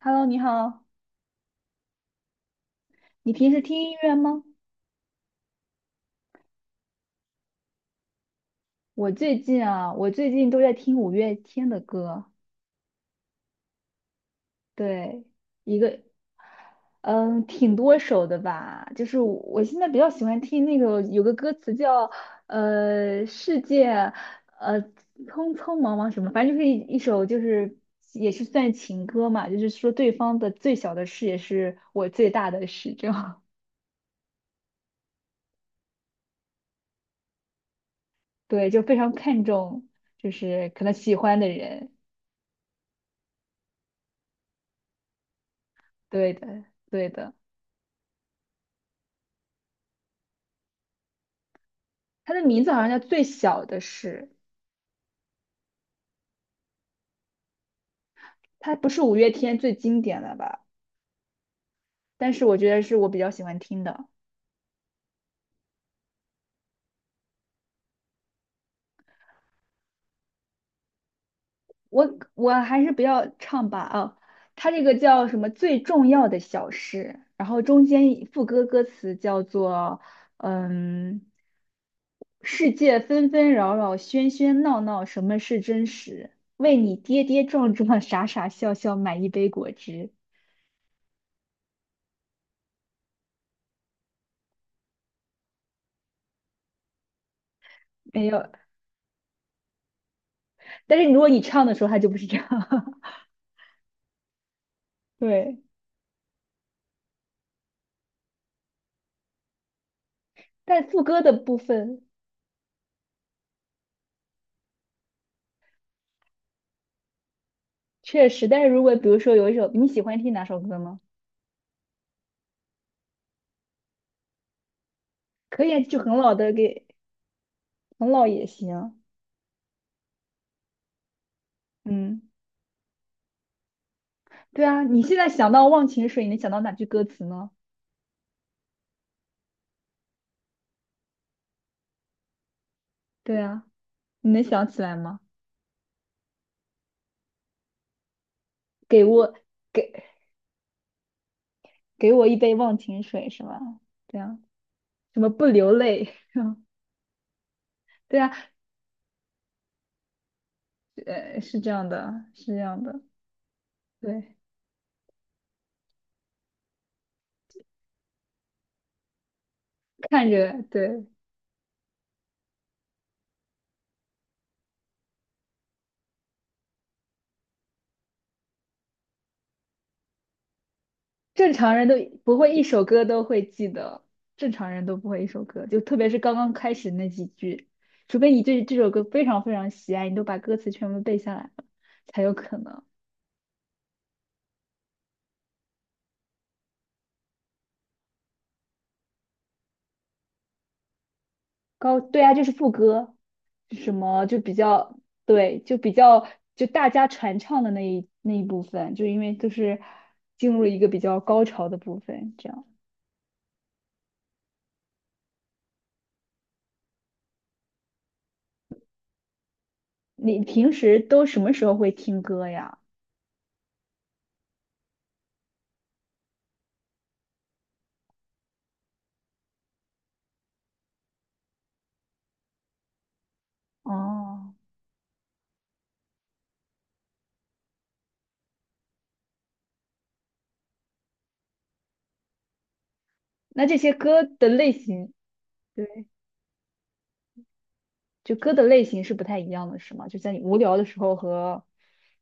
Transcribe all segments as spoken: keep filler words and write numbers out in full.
Hello，你好，你平时听音乐吗？我最近啊，我最近都在听五月天的歌，对，一个，嗯，挺多首的吧。就是我我现在比较喜欢听那个有个歌词叫呃世界，呃匆匆忙忙什么，反正就是一一首就是也是算情歌嘛，就是说对方的最小的事也是我最大的事，这样。 对，就非常看重就是可能喜欢的人。对的，对的，他的名字好像叫《最小的事》。他不是五月天最经典的吧？但是我觉得是我比较喜欢听的。我我还是不要唱吧啊，他这个叫什么最重要的小事，然后中间一副歌歌词叫做嗯，世界纷纷扰扰，喧喧闹闹，什么是真实？为你跌跌撞撞，傻傻笑笑，买一杯果汁。没有，但是如果你唱的时候，他就不是这样。对，但副歌的部分确实，但是如果比如说有一首你喜欢听哪首歌吗？可以啊，就很老的给，很老也行。嗯，对啊，你现在想到《忘情水》，你能想到哪句歌词呢？对啊，你能想起来吗？给我给，给我一杯忘情水是吧？对啊，什么不流泪？对啊，呃，是这样的，是这样的。对，看着对，正常人都不会一首歌都会记得，正常人都不会一首歌，就特别是刚刚开始那几句，除非你对这首歌非常非常喜爱，你都把歌词全部背下来了，才有可能。高，对啊，就是副歌，什么就比较，对，就比较就大家传唱的那一那一部分，就因为都是进入了一个比较高潮的部分，这样。你平时都什么时候会听歌呀？哦，那这些歌的类型。对。就歌的类型是不太一样的，是吗？就在你无聊的时候和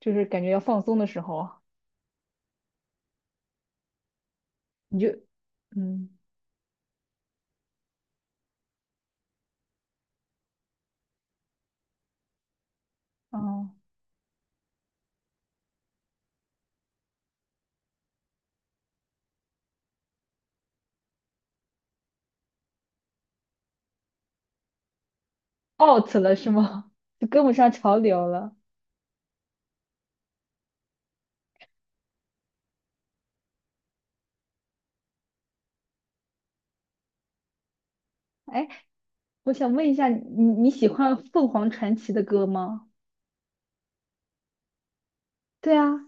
就是感觉要放松的时候啊，你就嗯，哦， out 了是吗？就跟不上潮流了。哎，我想问一下，你你喜欢凤凰传奇的歌吗？对啊，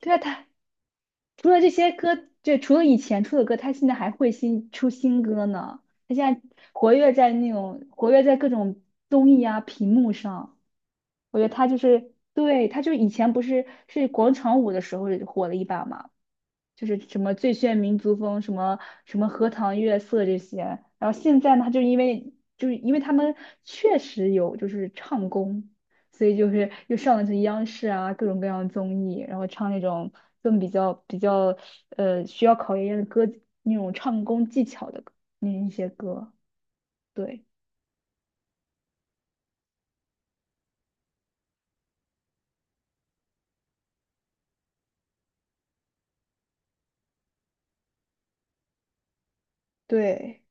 对啊，他除了这些歌，就除了以前出的歌，他现在还会新出新歌呢。他现在活跃在那种活跃在各种综艺啊、屏幕上。我觉得他就是，对，他就是以前不是是广场舞的时候火了一把嘛，就是什么最炫民族风，什么什么荷塘月色这些。然后现在呢，他就因为就是因为他们确实有就是唱功，所以就是又上了这央视啊各种各样的综艺，然后唱那种更比较比较呃需要考验歌那种唱功技巧的歌那一些歌，对对。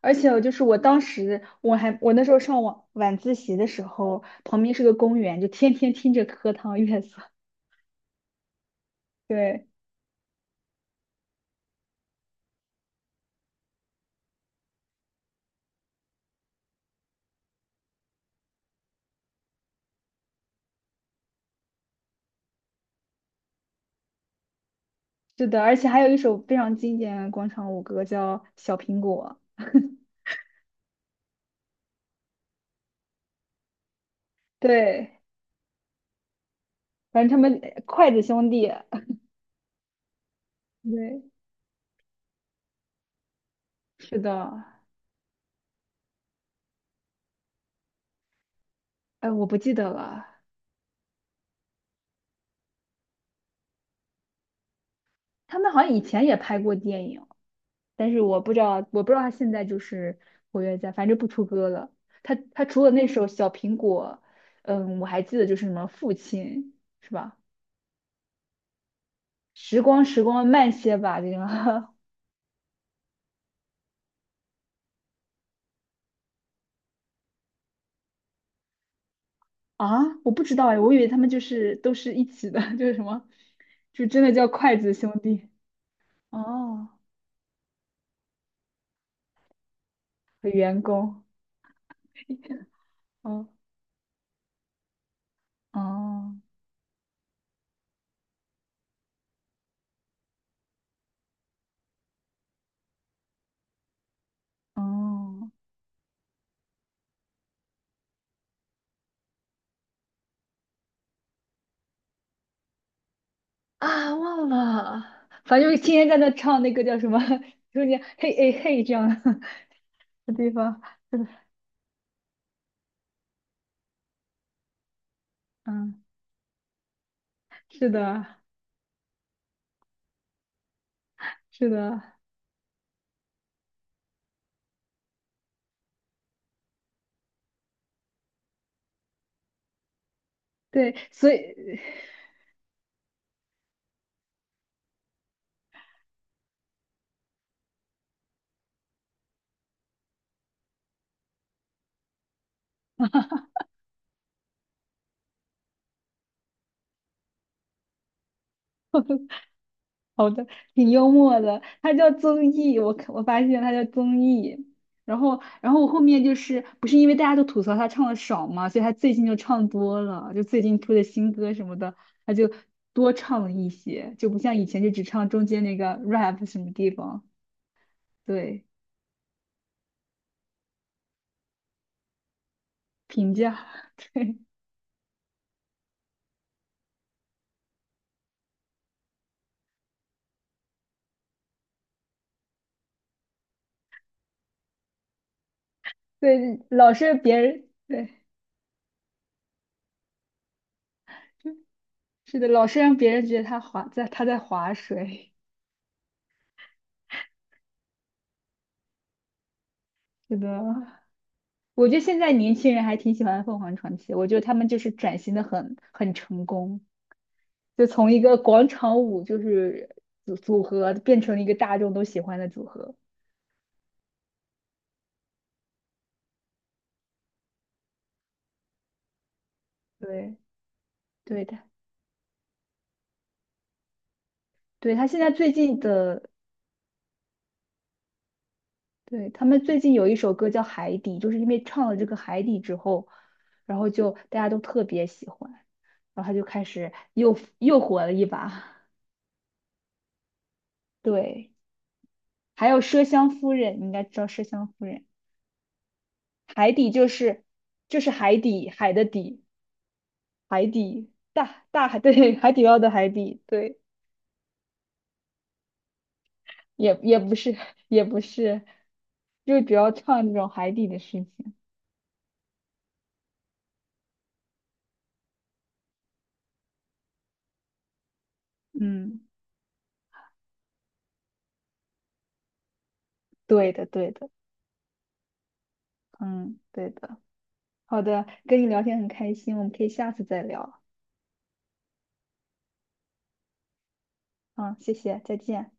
而且就是我当时，我还我那时候上晚晚自习的时候，旁边是个公园，就天天听着荷塘月色。对，是的，而且还有一首非常经典的广场舞歌叫《小苹果》。对，反正他们筷子兄弟。对，是的，哎，我不记得了，他们好像以前也拍过电影，但是我不知道，我不知道他现在就是活跃在，反正不出歌了。他他除了那首《小苹果》，嗯，我还记得就是什么《父亲》，是吧？时光时光慢些吧，这个。 啊，我不知道哎，我以为他们就是都是一起的。就是什么，就真的叫筷子兄弟。哦，和员工，哦，哦，哦，啊，忘了，反正就是天天在那唱那个叫什么，中间嘿哎嘿这样的地方，嗯，是的，是的，对，所以。好的，挺幽默的，他叫综艺，我看我发现他叫综艺，然后然后我后面就是不是因为大家都吐槽他唱的少嘛，所以他最近就唱多了，就最近出的新歌什么的，他就多唱了一些，就不像以前就只唱中间那个 r a p 什么地方，对，评价，对对，老是别人，对，是的，老是让别人觉得他划在他在划水，是的。我觉得现在年轻人还挺喜欢凤凰传奇，我觉得他们就是转型的很很成功，就从一个广场舞就是组组合变成了一个大众都喜欢的组合。对，对的，对他现在最近的，对他们最近有一首歌叫《海底》，就是因为唱了这个《海底》之后，然后就大家都特别喜欢，然后他就开始又又火了一把。对，还有《麝香夫人》，你应该知道《麝香夫人》。海底就是就是海底海的底海底大大海。 对海底捞的海底对也也不是也不是，就主要唱这种海底的事情。嗯，对的对的，嗯对的。好的，跟你聊天很开心，我们可以下次再聊。嗯，谢谢，再见。